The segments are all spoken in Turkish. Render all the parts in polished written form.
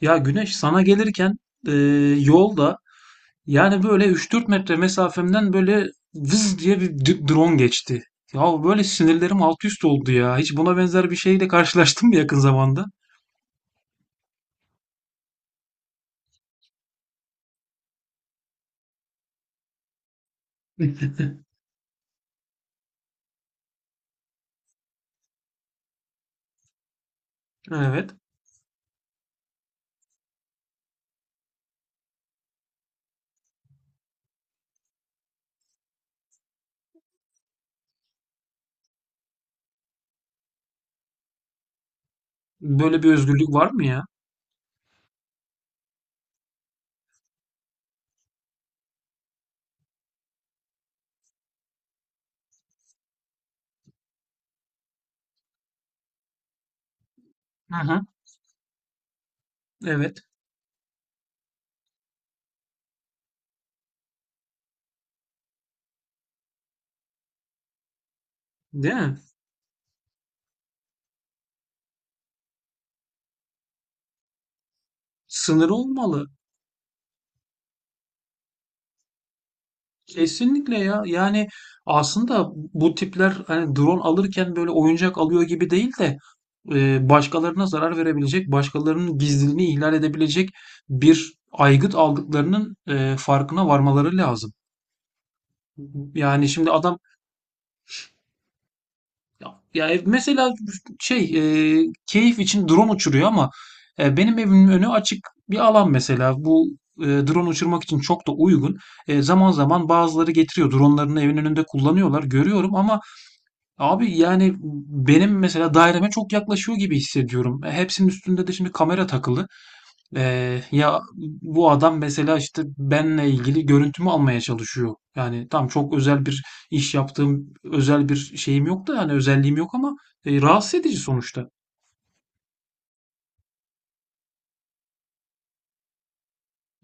Ya güneş sana gelirken e, yolda yani böyle 3-4 metre mesafemden böyle vız diye bir drone geçti. Ya böyle sinirlerim alt üst oldu ya. Hiç buna benzer bir şeyle karşılaştın mı yakın zamanda? Evet. Böyle bir özgürlük var mı ya? Hı hı. Evet. Değil mi? Sınırı olmalı. Kesinlikle ya. Yani aslında bu tipler hani drone alırken böyle oyuncak alıyor gibi değil de başkalarına zarar verebilecek, başkalarının gizliliğini ihlal edebilecek bir aygıt aldıklarının farkına varmaları lazım. Yani şimdi adam ya, ya mesela şey keyif için drone uçuruyor ama benim evimin önü açık bir alan mesela. Bu drone uçurmak için çok da uygun. Zaman zaman bazıları getiriyor. Dronlarını evin önünde kullanıyorlar. Görüyorum ama abi yani benim mesela daireme çok yaklaşıyor gibi hissediyorum. Hepsinin üstünde de şimdi kamera takılı. Ya bu adam mesela işte benle ilgili görüntümü almaya çalışıyor. Yani tam çok özel bir iş yaptığım özel bir şeyim yok da yani özelliğim yok ama rahatsız edici sonuçta.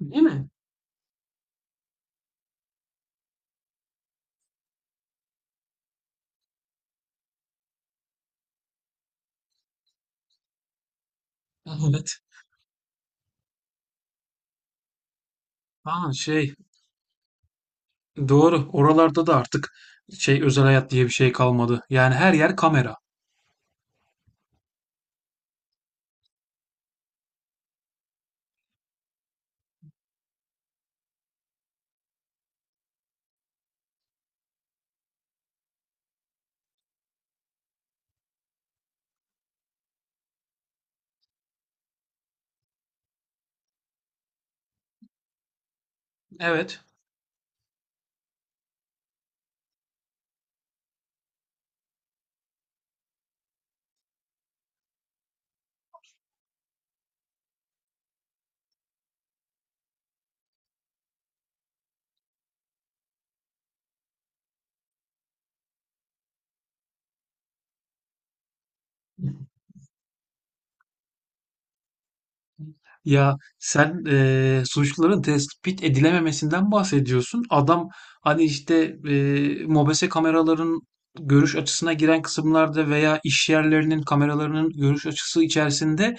Değil mi? Evet. Ha, doğru. Oralarda da artık özel hayat diye bir şey kalmadı. Yani her yer kamera. Evet. Ya sen suçluların tespit edilememesinden bahsediyorsun. Adam hani işte mobese kameraların görüş açısına giren kısımlarda veya iş yerlerinin kameralarının görüş açısı içerisinde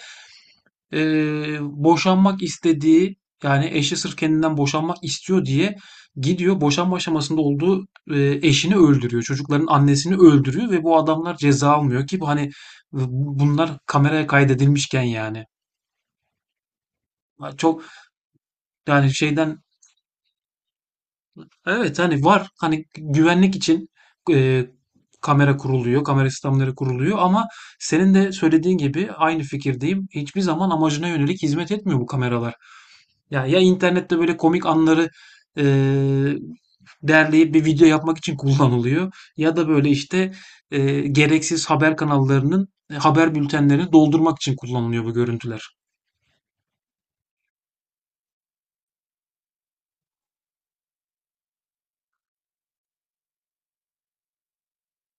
boşanmak istediği yani eşi sırf kendinden boşanmak istiyor diye gidiyor boşanma aşamasında olduğu eşini öldürüyor. Çocukların annesini öldürüyor ve bu adamlar ceza almıyor ki bu hani bunlar kameraya kaydedilmişken yani. Ha, çok yani şeyden evet hani var hani güvenlik için eee, kamera kuruluyor, kamera sistemleri kuruluyor ama senin de söylediğin gibi aynı fikirdeyim. Hiçbir zaman amacına yönelik hizmet etmiyor bu kameralar. Ya internette böyle komik anları eee, derleyip bir video yapmak için kullanılıyor ya da böyle işte gereksiz haber kanallarının haber bültenlerini doldurmak için kullanılıyor bu görüntüler.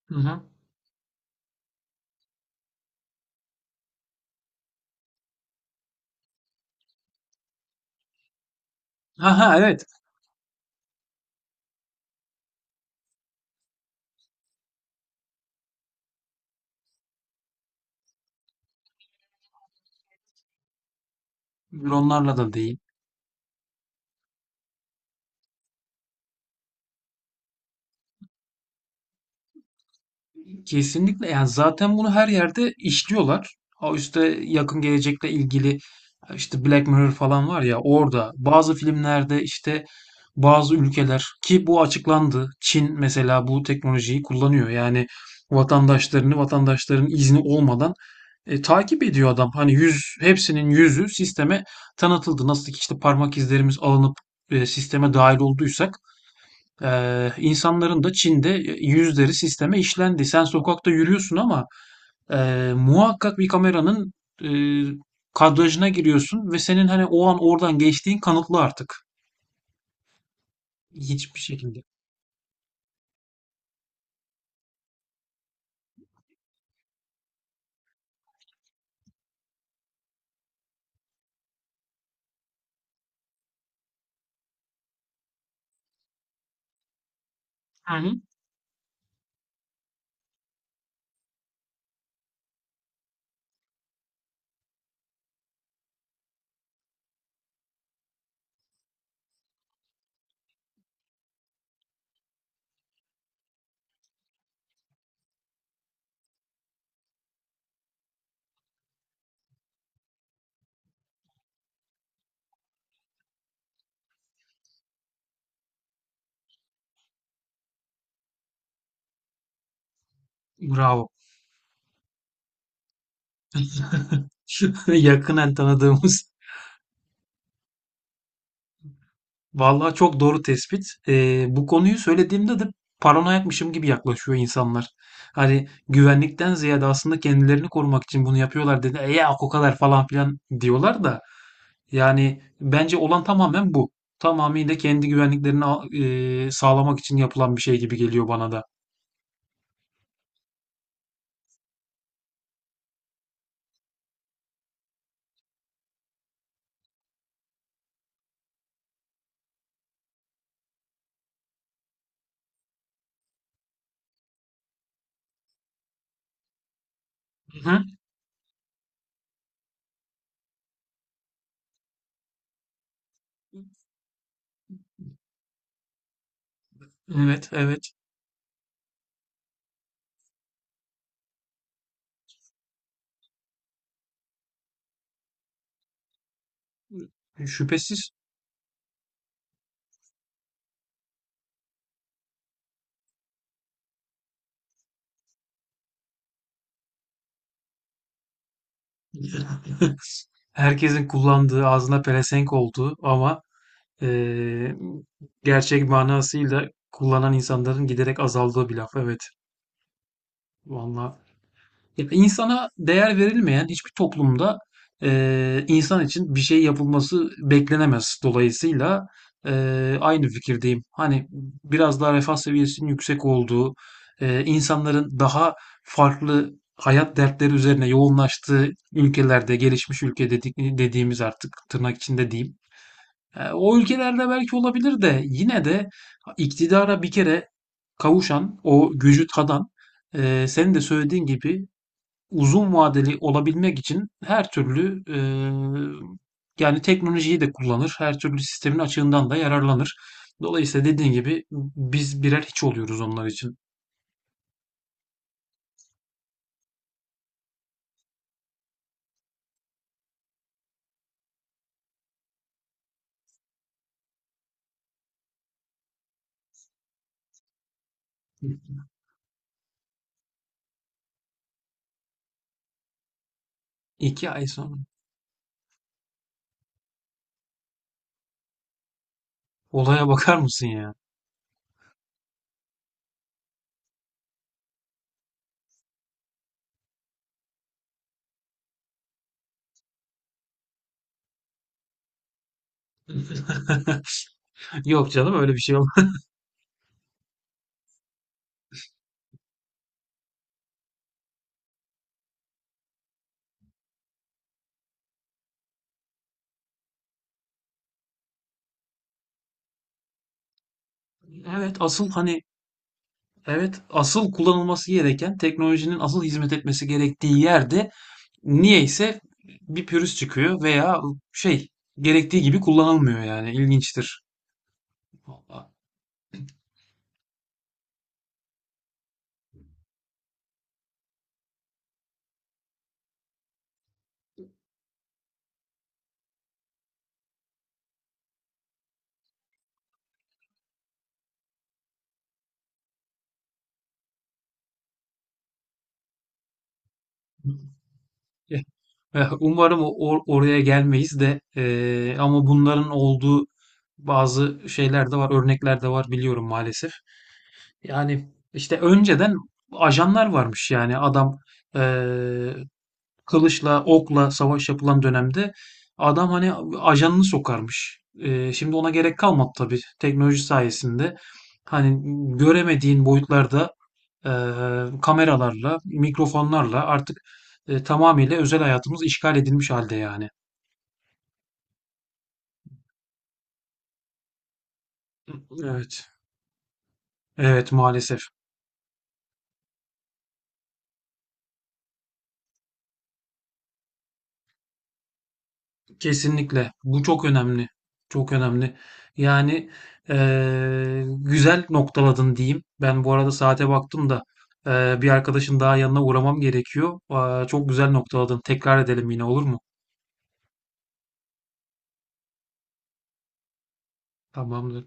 Hı hı. Ha ha, evet. Onlarla da değil. Kesinlikle yani zaten bunu her yerde işliyorlar. O işte yakın gelecekle ilgili işte Black Mirror falan var ya, orada bazı filmlerde işte bazı ülkeler ki bu açıklandı. Çin mesela bu teknolojiyi kullanıyor. Yani vatandaşlarını vatandaşların izni olmadan takip ediyor adam. Hani hepsinin yüzü sisteme tanıtıldı. Nasıl ki işte parmak izlerimiz alınıp sisteme dahil olduysak insanların da Çin'de yüzleri sisteme işlendi. Sen sokakta yürüyorsun ama muhakkak bir kameranın e, kadrajına giriyorsun ve senin hani o an oradan geçtiğin kanıtlı artık. Hiçbir şekilde. Bravo. Yakınen tanıdığımız. Vallahi çok doğru tespit. Bu konuyu söylediğimde de paranoyakmışım gibi yaklaşıyor insanlar. Hani güvenlikten ziyade aslında kendilerini korumak için bunu yapıyorlar dedi. Ya o kadar falan filan diyorlar da. Yani bence olan tamamen bu. Tamamıyla kendi güvenliklerini sağlamak için yapılan bir şey gibi geliyor bana da. Hı hı. Evet, evet. Şüphesiz. Herkesin kullandığı, ağzına pelesenk olduğu ama eee, gerçek manasıyla kullanan insanların giderek azaldığı bir laf. Evet. Vallahi ya insana değer verilmeyen hiçbir toplumda insan için bir şey yapılması beklenemez. Dolayısıyla aynı fikirdeyim. Hani biraz daha refah seviyesinin yüksek olduğu, insanların daha farklı hayat dertleri üzerine yoğunlaştığı ülkelerde, gelişmiş ülke dediğimiz artık tırnak içinde diyeyim. O ülkelerde belki olabilir de yine de iktidara bir kere kavuşan, o gücü tadan, senin de söylediğin gibi uzun vadeli olabilmek için her türlü yani teknolojiyi de kullanır, her türlü sistemin açığından da yararlanır. Dolayısıyla dediğin gibi biz birer hiç oluyoruz onlar için. 2 ay sonra. Olaya bakar mısın ya? Yok canım, öyle bir şey yok. Evet asıl hani evet asıl kullanılması gereken teknolojinin asıl hizmet etmesi gerektiği yerde niyeyse bir pürüz çıkıyor veya şey gerektiği gibi kullanılmıyor yani ilginçtir. Vallahi. Ya, umarım oraya gelmeyiz de, ama bunların olduğu bazı şeyler de var, örnekler de var, biliyorum maalesef. Yani işte önceden ajanlar varmış yani adam eee, kılıçla, okla savaş yapılan dönemde adam hani ajanını sokarmış. Şimdi ona gerek kalmadı tabii teknoloji sayesinde. Hani göremediğin boyutlarda kameralarla, mikrofonlarla artık tamamıyla özel hayatımız işgal edilmiş halde yani. Evet. Evet maalesef. Kesinlikle. Bu çok önemli. Çok önemli. Yani güzel noktaladın diyeyim. Ben bu arada saate baktım da bir arkadaşın daha yanına uğramam gerekiyor. Aa, çok güzel noktaladın. Tekrar edelim, yine olur mu? Tamamdır.